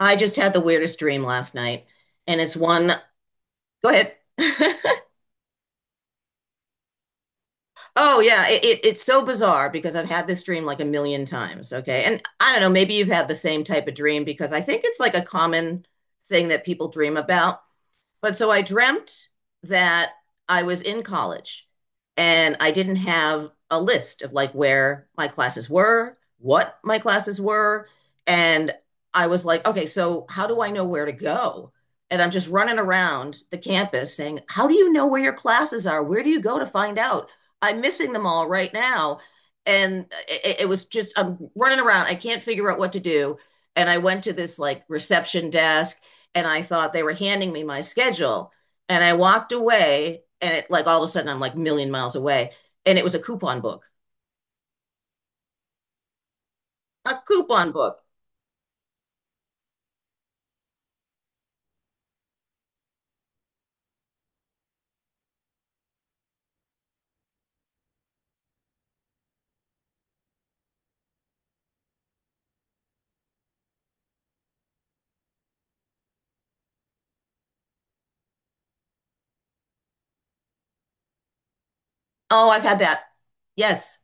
I just had the weirdest dream last night, and it's one. Go ahead. Oh yeah, it's so bizarre because I've had this dream like a million times. Okay, and I don't know, maybe you've had the same type of dream because I think it's like a common thing that people dream about. But so I dreamt that I was in college, and I didn't have a list of like where my classes were, what my classes were. And I was like, okay, so how do I know where to go? And I'm just running around the campus saying, how do you know where your classes are? Where do you go to find out? I'm missing them all right now. And it was just, I'm running around. I can't figure out what to do. And I went to this like reception desk and I thought they were handing me my schedule. And I walked away, and it like all of a sudden I'm like a million miles away, and it was a coupon book, a coupon book. Oh, I've had that. Yes.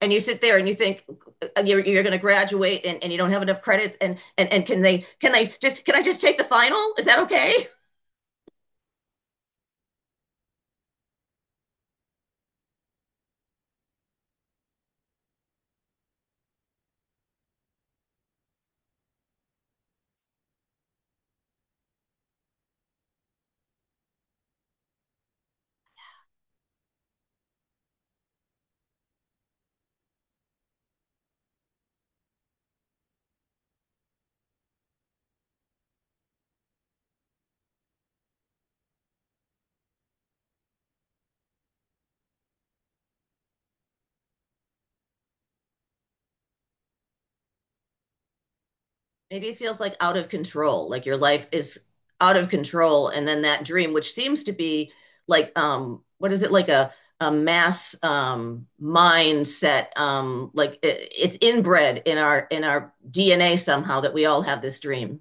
And you sit there and you think you're going to graduate, and you don't have enough credits, and, and can they just, can I just take the final? Is that okay? Maybe it feels like out of control, like your life is out of control. And then that dream, which seems to be like, what is it, like a mass mindset, like it's inbred in our DNA somehow that we all have this dream.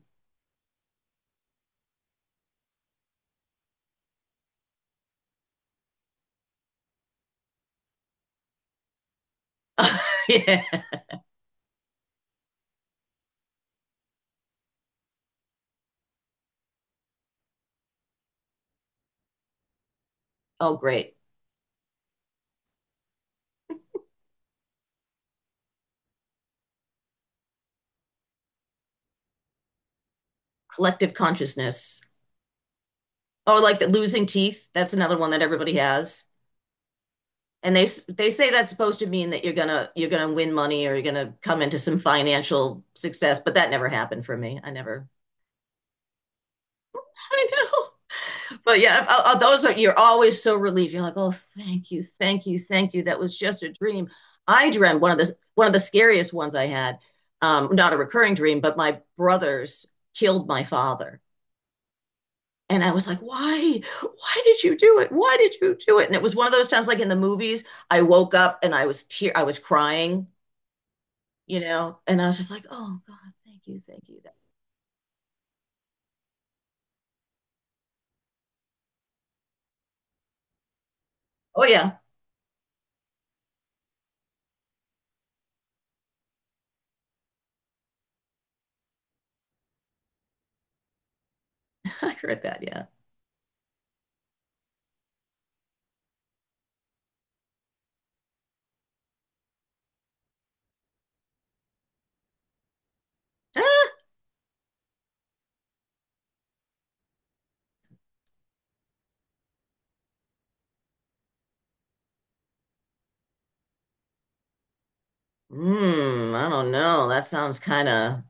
Yeah. Oh, great. Collective consciousness. Oh, like the losing teeth. That's another one that everybody has. And they say that's supposed to mean that you're gonna win money or you're gonna come into some financial success, but that never happened for me. I never— I know. But yeah, those are— you're always so relieved. You're like, oh, thank you, thank you, thank you. That was just a dream. I dreamt one of the scariest ones I had. Not a recurring dream, but my brothers killed my father. And I was like, why? Why did you do it? Why did you do it? And it was one of those times, like in the movies, I woke up and I was I was crying, you know? And I was just like, oh God, thank you, thank you. Oh yeah, I heard that, yeah. Ah, I don't know. That sounds kind of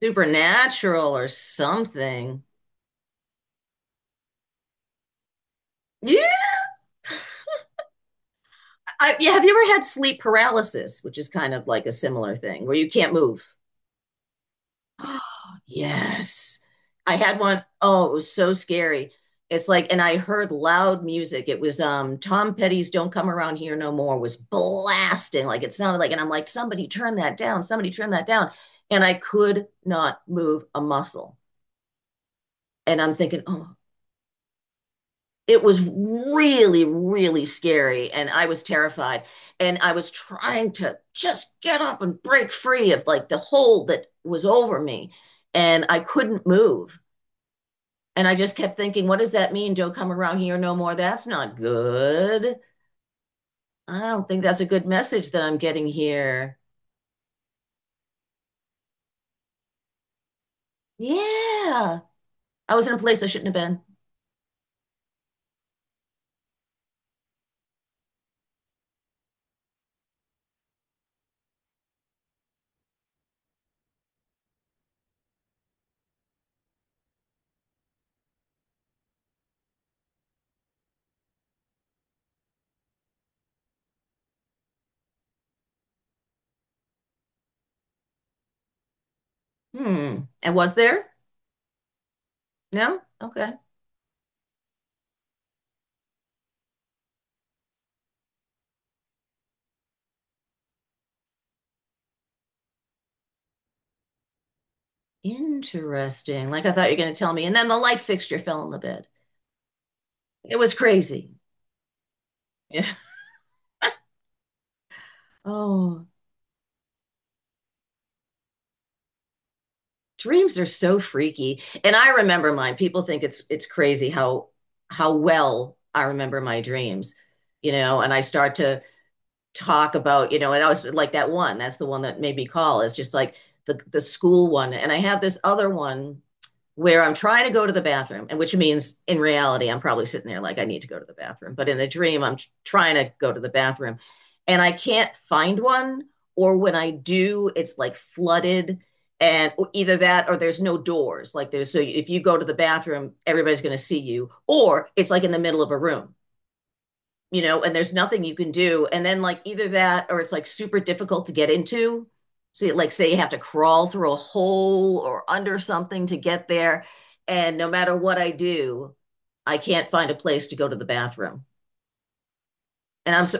supernatural or something. Yeah, yeah. Have you ever had sleep paralysis, which is kind of like a similar thing where you can't move? Yes. I had one. Oh, it was so scary. It's like, and I heard loud music. It was Tom Petty's "Don't Come Around Here No More" was blasting. Like it sounded like, and I'm like, somebody turn that down, somebody turn that down. And I could not move a muscle. And I'm thinking, oh, it was really, really scary. And I was terrified. And I was trying to just get up and break free of like the hold that was over me. And I couldn't move. And I just kept thinking, what does that mean? Don't come around here no more. That's not good. I don't think that's a good message that I'm getting here. Yeah. I was in a place I shouldn't have been. Hmm. And was there? No? Okay. Interesting. Like I thought you were going to tell me. And then the light fixture fell on the bed. It was crazy. Yeah. Oh, dreams are so freaky. And I remember mine. People think it's crazy how well I remember my dreams, you know, and I start to talk about, you know, and I was like that one, that's the one that made me call is just like the school one. And I have this other one where I'm trying to go to the bathroom, and which means in reality, I'm probably sitting there like I need to go to the bathroom. But in the dream, I'm trying to go to the bathroom and I can't find one, or when I do, it's like flooded. And either that or there's no doors. Like there's— so if you go to the bathroom, everybody's going to see you, or it's like in the middle of a room, you know, and there's nothing you can do. And then like either that or it's like super difficult to get into. So like say you have to crawl through a hole or under something to get there. And no matter what I do, I can't find a place to go to the bathroom. And I'm so—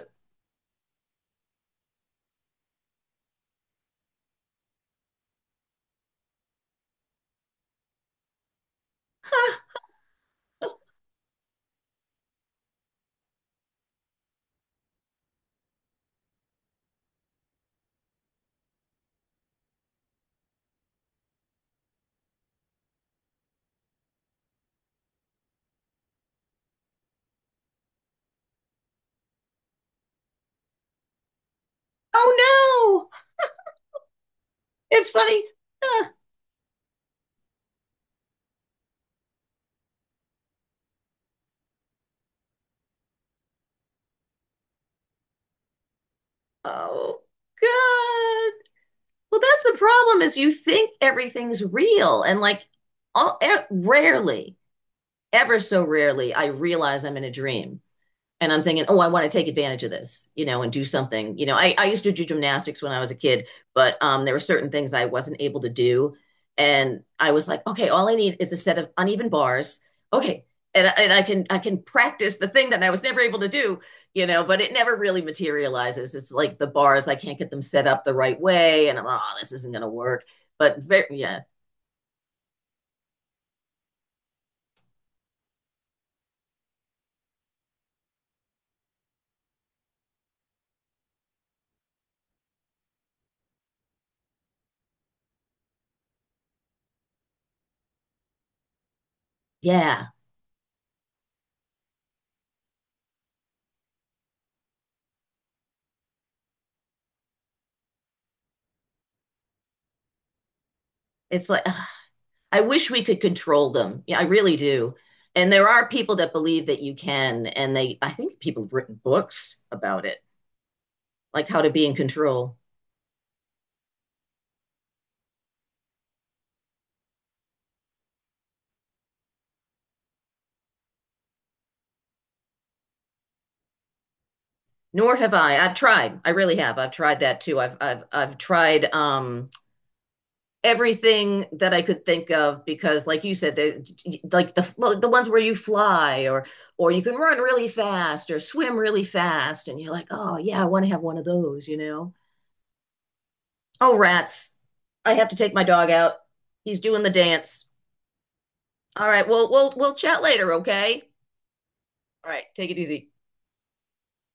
oh no. It's funny. Ah, oh god. Well, that's the problem is you think everything's real, and like all, rarely, ever so rarely I realize I'm in a dream. And I'm thinking, oh, I want to take advantage of this, you know, and do something. You know, I used to do gymnastics when I was a kid, but there were certain things I wasn't able to do. And I was like, okay, all I need is a set of uneven bars. Okay. And, I can practice the thing that I was never able to do, you know, but it never really materializes. It's like the bars, I can't get them set up the right way. And I'm like, oh, this isn't going to work. But very, yeah, yeah. It's like, I wish we could control them. Yeah, I really do. And there are people that believe that you can, and they— I think people have written books about it, like how to be in control. Nor have I. I've tried. I really have. I've tried that too. I've tried everything that I could think of because, like you said, there's like the ones where you fly or you can run really fast or swim really fast, and you're like, oh yeah, I want to have one of those, you know. Oh, rats. I have to take my dog out. He's doing the dance. All right, well, we'll chat later, okay? All right, take it easy.